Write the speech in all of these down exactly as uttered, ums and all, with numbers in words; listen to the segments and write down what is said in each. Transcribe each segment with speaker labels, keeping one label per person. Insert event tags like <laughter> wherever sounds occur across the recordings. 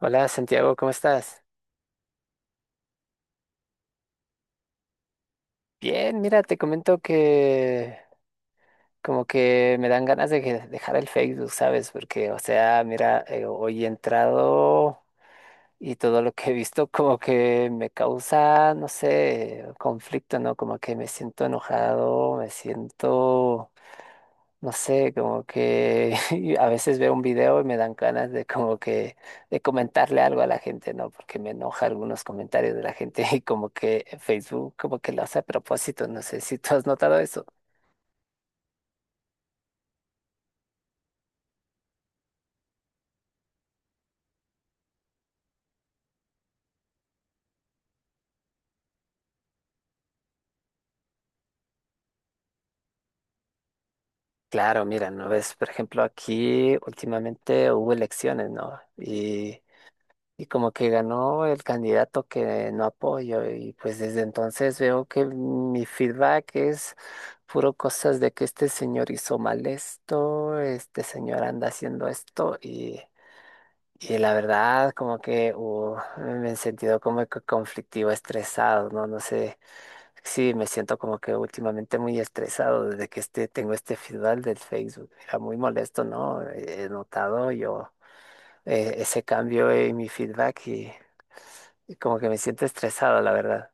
Speaker 1: Hola Santiago, ¿cómo estás? Bien, mira, te comento que como que me dan ganas de que- dejar el Facebook, ¿sabes? Porque, o sea, mira, eh, hoy he entrado y todo lo que he visto como que me causa, no sé, conflicto, ¿no? Como que me siento enojado, me siento, no sé, como que <laughs> a veces veo un video y me dan ganas de como que de comentarle algo a la gente, ¿no? Porque me enoja algunos comentarios de la gente <laughs> y como que Facebook como que lo hace a propósito, no sé si tú has notado eso. Claro, mira, ¿no ves? Por ejemplo, aquí últimamente hubo elecciones, ¿no? y Y como que ganó el candidato que no apoyo y pues desde entonces veo que mi feedback es puro cosas de que este señor hizo mal esto, este señor anda haciendo esto, y, y la verdad como que uh, me he sentido como que conflictivo, estresado, ¿no? No sé, sí, me siento como que últimamente muy estresado desde que este, tengo este feedback del Facebook. Era muy molesto, ¿no? He he notado yo eh, ese cambio en mi feedback y y como que me siento estresado, la verdad.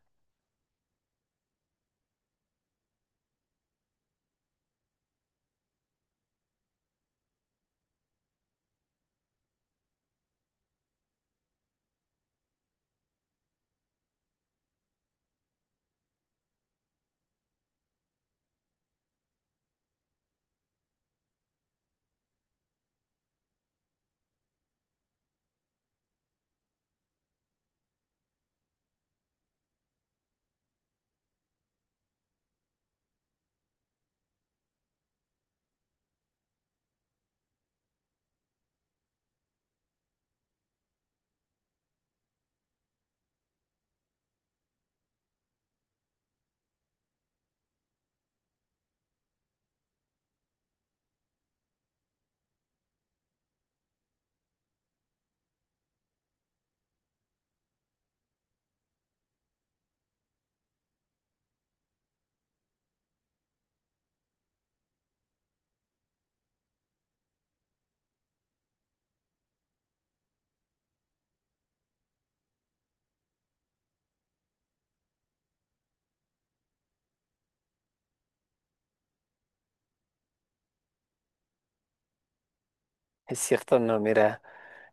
Speaker 1: Es cierto, no, mira,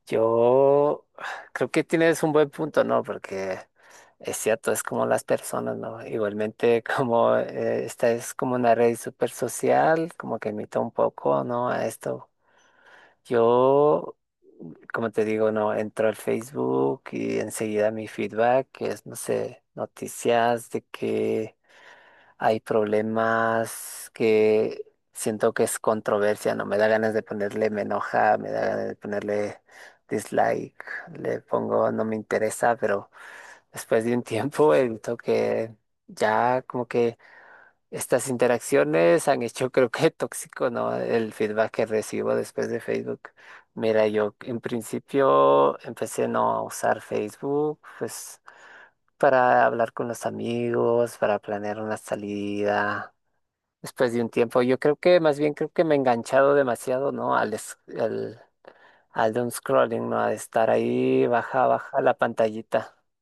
Speaker 1: yo creo que tienes un buen punto, ¿no? Porque es cierto, es como las personas, ¿no? Igualmente, <laughs> como eh, esta es como una red súper social, como que imita un poco, ¿no? A esto. Yo, como te digo, no, entro al Facebook y enseguida mi feedback, que es, no sé, noticias de que hay problemas que siento que es controversia, no me da ganas de ponerle, me enoja, me da ganas de ponerle dislike, le pongo no me interesa, pero después de un <laughs> tiempo he visto que ya como que estas interacciones han hecho creo que tóxico, ¿no? El feedback que recibo después de Facebook. Mira, yo en principio empecé no a usar Facebook, pues para hablar con los amigos, para planear una salida después de un tiempo. Yo creo que más bien creo que me he enganchado demasiado, ¿no? Al, es- al, al doom scrolling, ¿no? A estar ahí, baja, baja la pantallita. <laughs>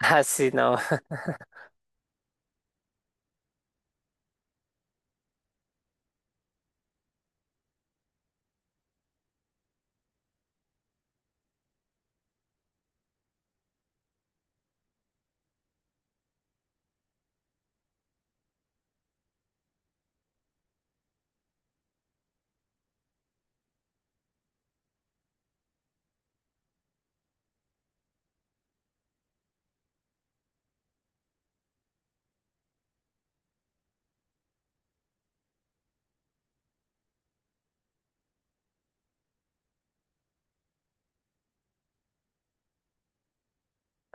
Speaker 1: Ah, sí, no. <laughs>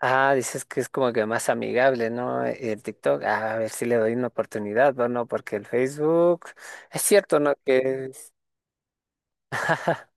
Speaker 1: Ah, dices que es como que más amigable, ¿no? El TikTok, ah, a ver si le doy una oportunidad, bueno, porque el Facebook, es cierto, ¿no? Que es- <laughs>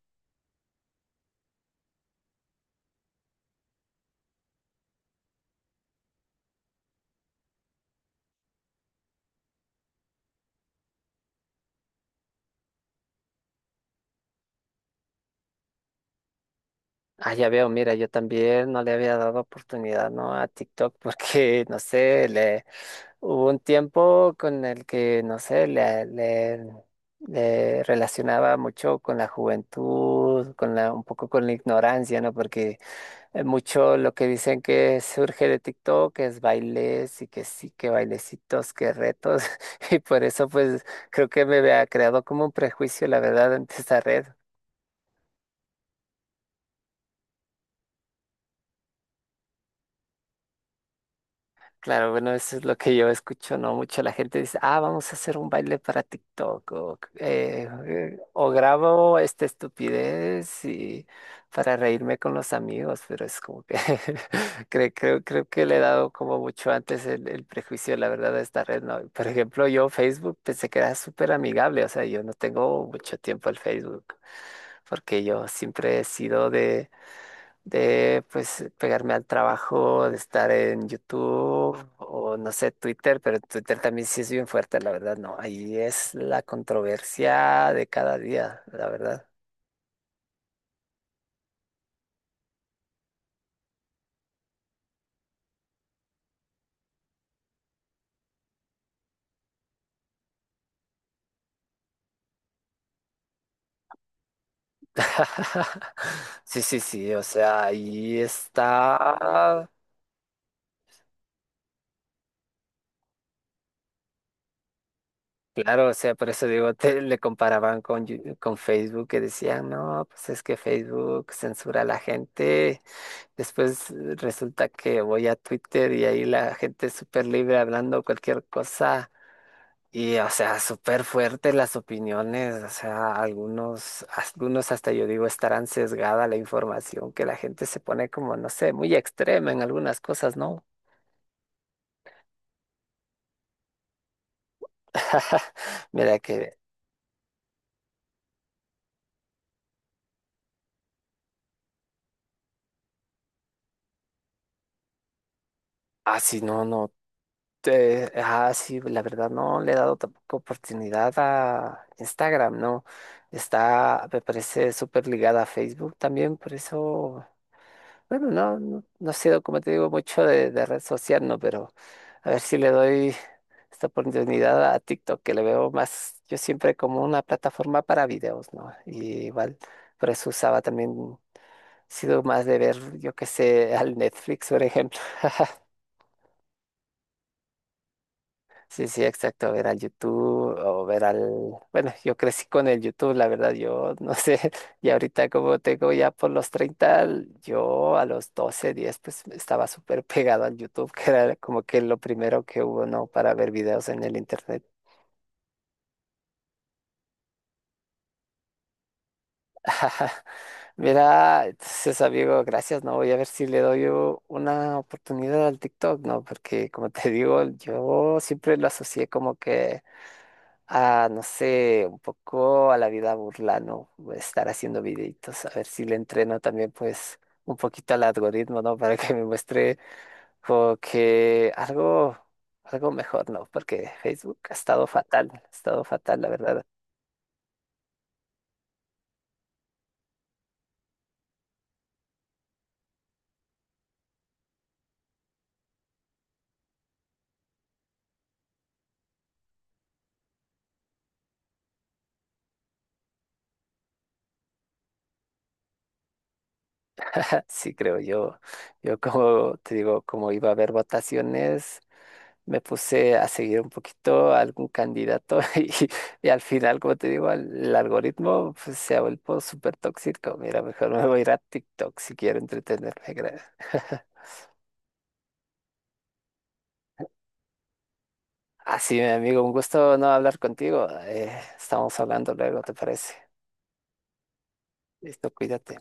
Speaker 1: Ah, ya veo, mira, yo también no le había dado oportunidad, ¿no? A TikTok. <laughs> Porque, no sé, le hubo un tiempo con el que, no sé, le, le, le relacionaba mucho con la juventud, con la, un poco con la ignorancia, ¿no? Porque eh, mucho lo que dicen que surge de TikTok es bailes y que sí, que bailecitos, que retos, <laughs> y por eso pues creo que me había creado como un prejuicio, la verdad, ante esta red. Claro, bueno, eso es lo que yo escucho, ¿no? Mucho la gente dice, ah, vamos a hacer un baile para TikTok, o, eh, eh, o grabo esta estupidez y para reírme con los amigos, pero es como que <laughs> creo, creo, creo que le he dado como mucho antes el, el prejuicio, la verdad, de esta red, ¿no? Por ejemplo, yo Facebook pensé que era súper amigable, o sea, yo no tengo mucho tiempo al Facebook, porque yo siempre he sido de de pues pegarme al trabajo, de estar en YouTube o no sé, Twitter, pero Twitter también sí es bien fuerte, la verdad, no, ahí es la controversia de cada día, la verdad. <laughs> Sí, sí, sí, o sea, ahí está, claro, o sea, por eso digo, te- le comparaban con, Yu- con Facebook, que decían, no, pues es que Facebook censura a la gente. Después, eh, resulta que voy a Twitter y ahí la gente es súper libre hablando cualquier cosa y, o sea, súper fuertes las opiniones, o sea, algunos, algunos hasta yo digo estarán sesgada la información, que la gente se pone como, no sé, muy extrema en algunas cosas, ¿no? <laughs> Mira que, así no, no, eh, ah, sí, la verdad no le he dado tampoco oportunidad a Instagram, ¿no? Está, me parece súper ligada a Facebook también, por eso. Bueno, no, no, no sé, como te digo, mucho de, de red social, no, pero a ver si le doy esta oportunidad a TikTok, que le veo más, yo siempre como una plataforma para videos, ¿no? Y igual, por eso usaba también, sido más de ver, yo qué sé, al Netflix, por ejemplo. <laughs> Sí, sí, exacto, ver al YouTube o ver al... Bueno, yo crecí con el YouTube, la verdad, yo no sé, <laughs> y ahorita como tengo ya por los treinta, yo a los doce diez pues estaba súper pegado al YouTube, que era como que lo primero que hubo, ¿no? Para ver videos en el Internet. <laughs> Mira, entonces amigo, gracias, ¿no? Voy a ver si le doy u- una oportunidad al TikTok, ¿no? Porque como te digo, yo siempre lo asocié como que a, no sé, un poco a la vida burlano, estar haciendo videitos, a ver si le entreno también, pues, un poquito al algoritmo, ¿no? <laughs> Para que me muestre como que algo, algo mejor, ¿no? Porque Facebook ha estado fatal, ha estado fatal, la verdad. <laughs> Sí, creo yo. Yo como te digo, como iba a haber votaciones. Me puse a seguir un poquito a algún candidato, <laughs> y, y al final, como te digo, al- el, algoritmo pues, se ha vuelto súper tóxico. Mira, mejor me voy a ir a TikTok si quiero entretenerme, creo. <laughs> Así, mi amigo, un gusto no hablar contigo. Eh, estamos hablando luego, ¿te parece? Listo, cuídate.